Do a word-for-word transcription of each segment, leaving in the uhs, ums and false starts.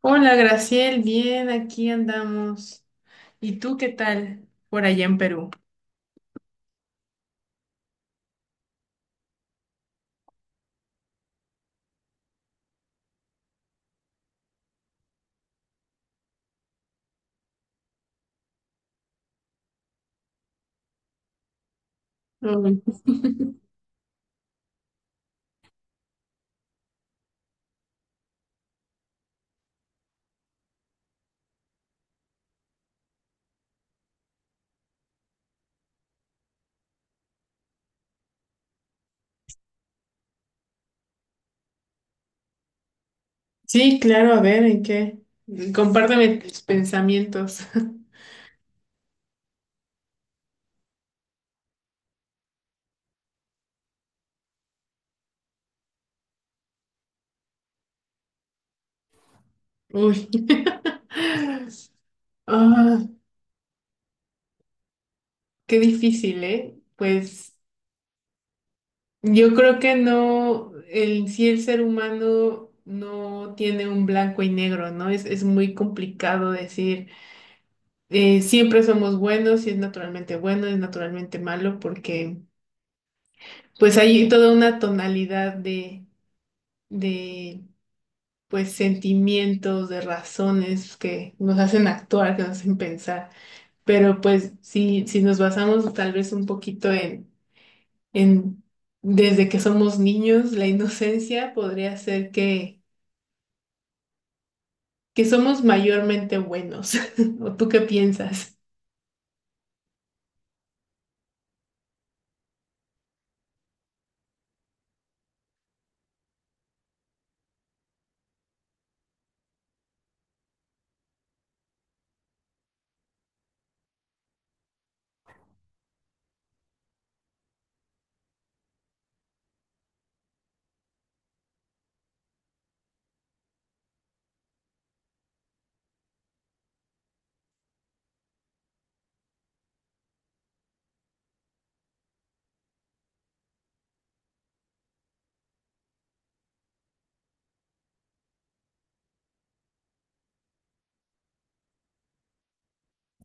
Hola, Graciel, bien, aquí andamos. ¿Y tú qué tal por allá en Perú? Mm. Sí, claro, a ver, ¿en qué? Compárteme tus pensamientos. Uy. Ah, qué difícil, ¿eh? Pues Yo creo que no, el, sí el ser humano no tiene un blanco y negro, ¿no? Es, es muy complicado decir, eh, siempre somos buenos, si es naturalmente bueno, es naturalmente malo, porque pues hay toda una tonalidad de, de pues sentimientos, de razones que nos hacen actuar, que nos hacen pensar. Pero pues si, si nos basamos tal vez un poquito en, en desde que somos niños, la inocencia podría ser que que somos mayormente buenos. ¿O tú qué piensas?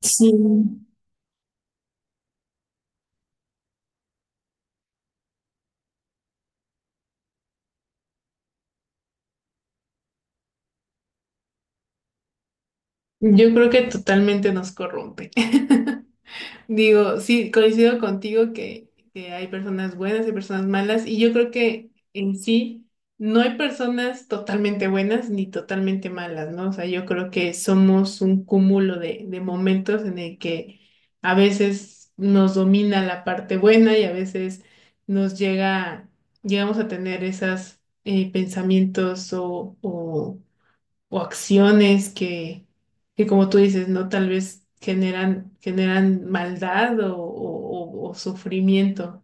Sí. Yo creo que totalmente nos corrompe. Digo, sí, coincido contigo que, que hay personas buenas y personas malas, y yo creo que en sí no hay personas totalmente buenas ni totalmente malas, ¿no? O sea, yo creo que somos un cúmulo de, de momentos en el que a veces nos domina la parte buena y a veces nos llega, llegamos a tener esos pensamientos o, o o acciones que, que como tú dices, ¿no? Tal vez generan, generan maldad o, o- o- o sufrimiento,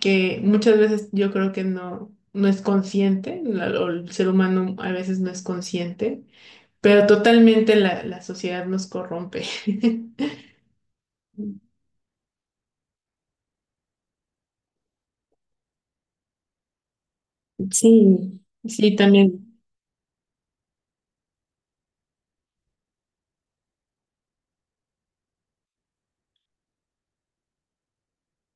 que muchas veces yo creo que no, no es consciente, la- o el ser humano a veces no es consciente, pero totalmente la, la sociedad nos corrompe. Sí, sí, también.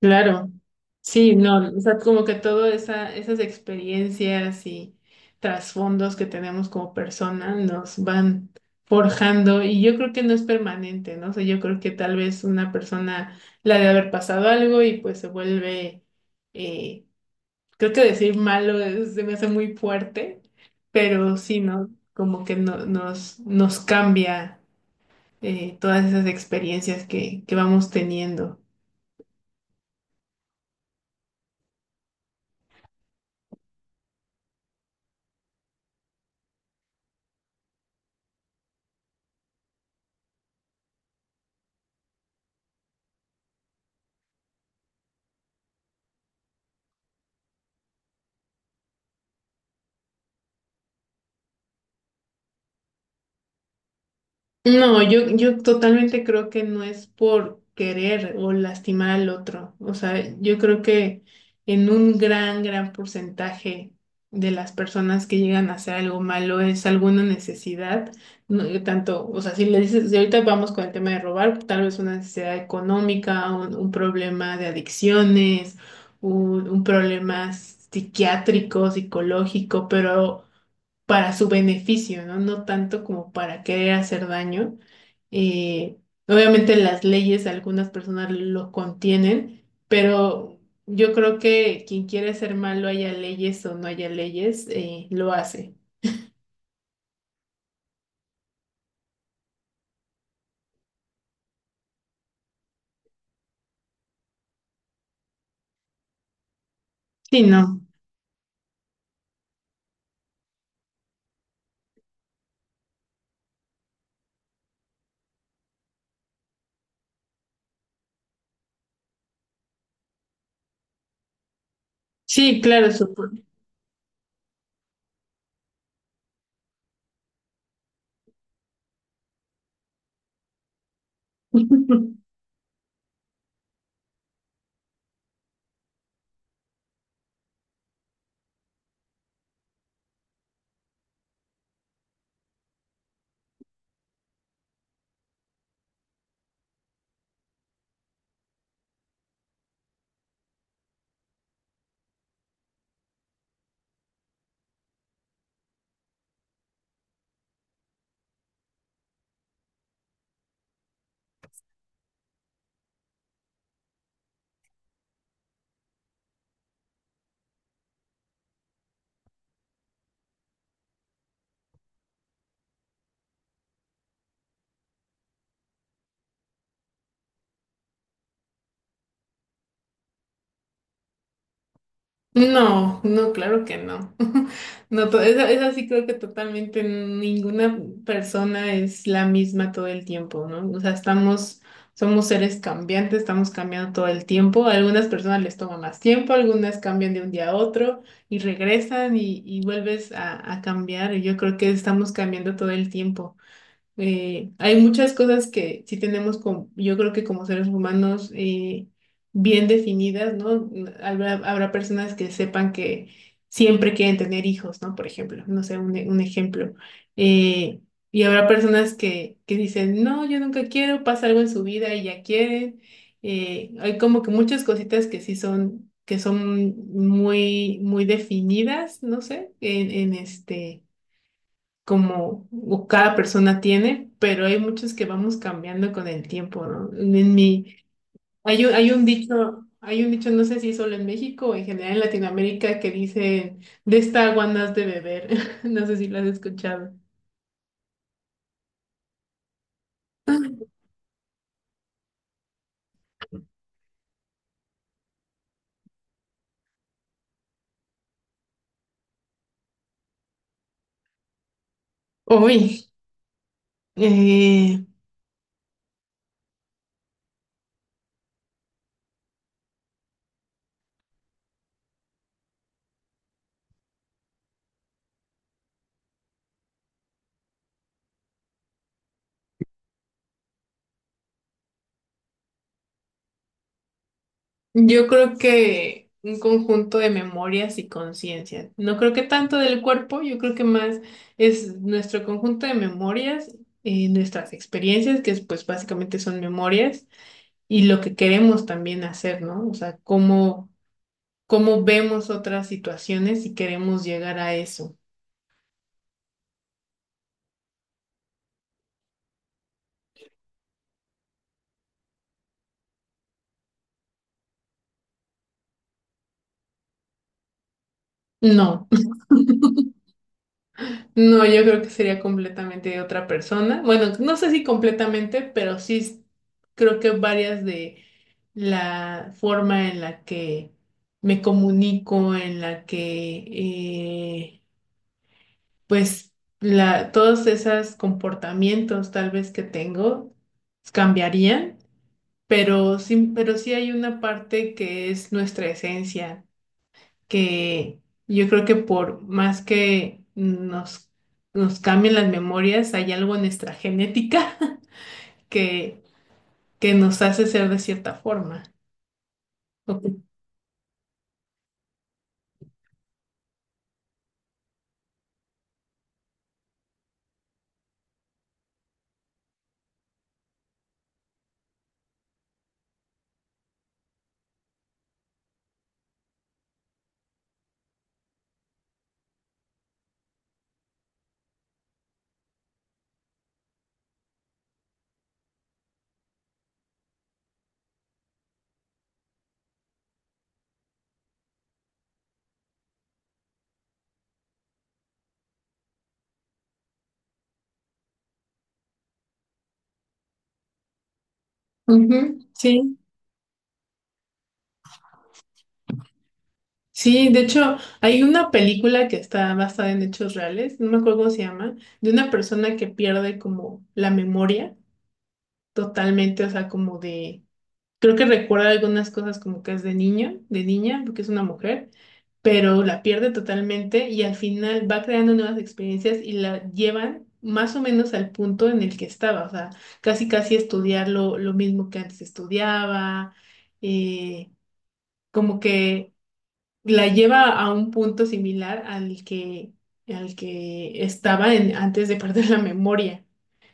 Claro, sí, no, o sea, como que todas esa, esas experiencias y trasfondos que tenemos como persona nos van forjando y yo creo que no es permanente, ¿no? O sea, yo creo que tal vez una persona la de haber pasado algo y pues se vuelve, eh, creo que decir malo es- se me hace muy fuerte, pero sí, ¿no? Como que no- nos, nos cambia eh, todas esas experiencias que, que vamos teniendo. No, yo, yo totalmente creo que no es por querer o lastimar al otro. O sea, yo creo que en un gran, gran porcentaje de las personas que llegan a hacer algo malo es alguna necesidad, no, eh, tanto, o sea, si le dices, si ahorita vamos con el tema de robar, tal vez una necesidad económica, un, un problema de adicciones, un, un problema psiquiátrico, psicológico, pero para su beneficio, ¿no? No tanto como para querer hacer daño. Eh, obviamente las leyes, algunas personas lo contienen, pero yo creo que quien quiere ser malo, haya leyes o no haya leyes, eh, lo hace. Sí, no. Sí, claro, supongo. No, no, claro que no. No, to- esa, esa sí creo que totalmente ninguna persona es la misma todo el tiempo, ¿no? O sea, estamos, somos seres cambiantes, estamos cambiando todo el tiempo. A algunas personas les toma más tiempo, algunas cambian de un día a otro y regresan y, y vuelves a, a cambiar. Y yo creo que estamos cambiando todo el tiempo. Eh, hay muchas cosas que sí tenemos, como, yo creo que como seres humanos, eh, bien definidas, ¿no? Habrá, habrá personas que sepan que siempre quieren tener hijos, ¿no? Por ejemplo, no sé, un, e- un ejemplo. Eh, y habrá personas que, que dicen, no, yo nunca quiero, pasa algo en su vida y ya quieren. Eh, hay como que muchas cositas que sí son, que son muy, muy definidas, no sé, en, en este como o cada persona tiene, pero hay muchos que vamos cambiando con el tiempo, ¿no? En mi, hay un, hay un dicho, hay un dicho, no sé si solo en México o en general en Latinoamérica, que dicen, de esta agua no has de beber. No sé si lo has escuchado. Uy, eh, yo creo que un conjunto de memorias y conciencia. No creo que tanto del cuerpo, yo creo que más es nuestro conjunto de memorias, eh, nuestras experiencias, que es, pues básicamente son memorias, y lo que queremos también hacer, ¿no? O sea, cómo, cómo vemos otras situaciones y queremos llegar a eso. No, no, yo creo que sería completamente de otra persona. Bueno, no sé si completamente, pero sí s- creo que varias de la forma en la que me comunico, en la que, eh, pues, la, todos esos comportamientos tal vez que tengo cambiarían pero sí, pero sí hay una parte que es nuestra esencia, que yo creo que por más que nos, nos cambien las memorias, hay algo en nuestra genética que, que nos hace ser de cierta forma. Ok. Ujú, sí, sí, de hecho hay una película que está basada en hechos reales, no me acuerdo cómo se llama, de una persona que pierde como la memoria totalmente, o sea, como de Creo que recuerda algunas cosas como que es de niño, de niña, porque es una mujer, pero la pierde totalmente y al final va creando nuevas experiencias y la llevan más o menos al punto en el que estaba, o sea, casi casi estudiar lo, lo mismo que antes estudiaba, eh, como que la lleva a un punto similar al que, al que estaba en- antes de perder la memoria.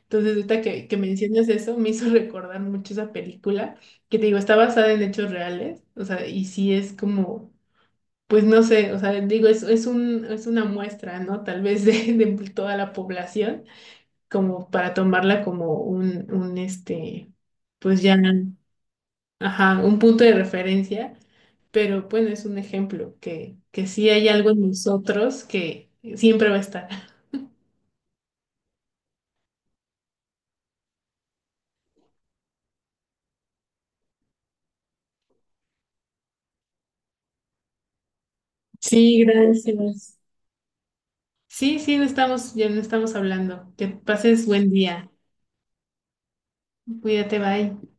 Entonces, ahorita que, que mencionas eso, me hizo recordar mucho esa película, que te digo, está basada en hechos reales, o sea, y sí es como, pues no sé, o sea, digo, es, es un, es una muestra, ¿no? Tal vez de, de toda la población, como para tomarla como un, un, este, pues ya, ajá, un punto de referencia, pero bueno, es un ejemplo, que, que sí hay algo en nosotros que siempre va a estar. Sí, gracias. Sí, sí, no estamos, ya no estamos hablando. Que pases buen día. Cuídate, bye.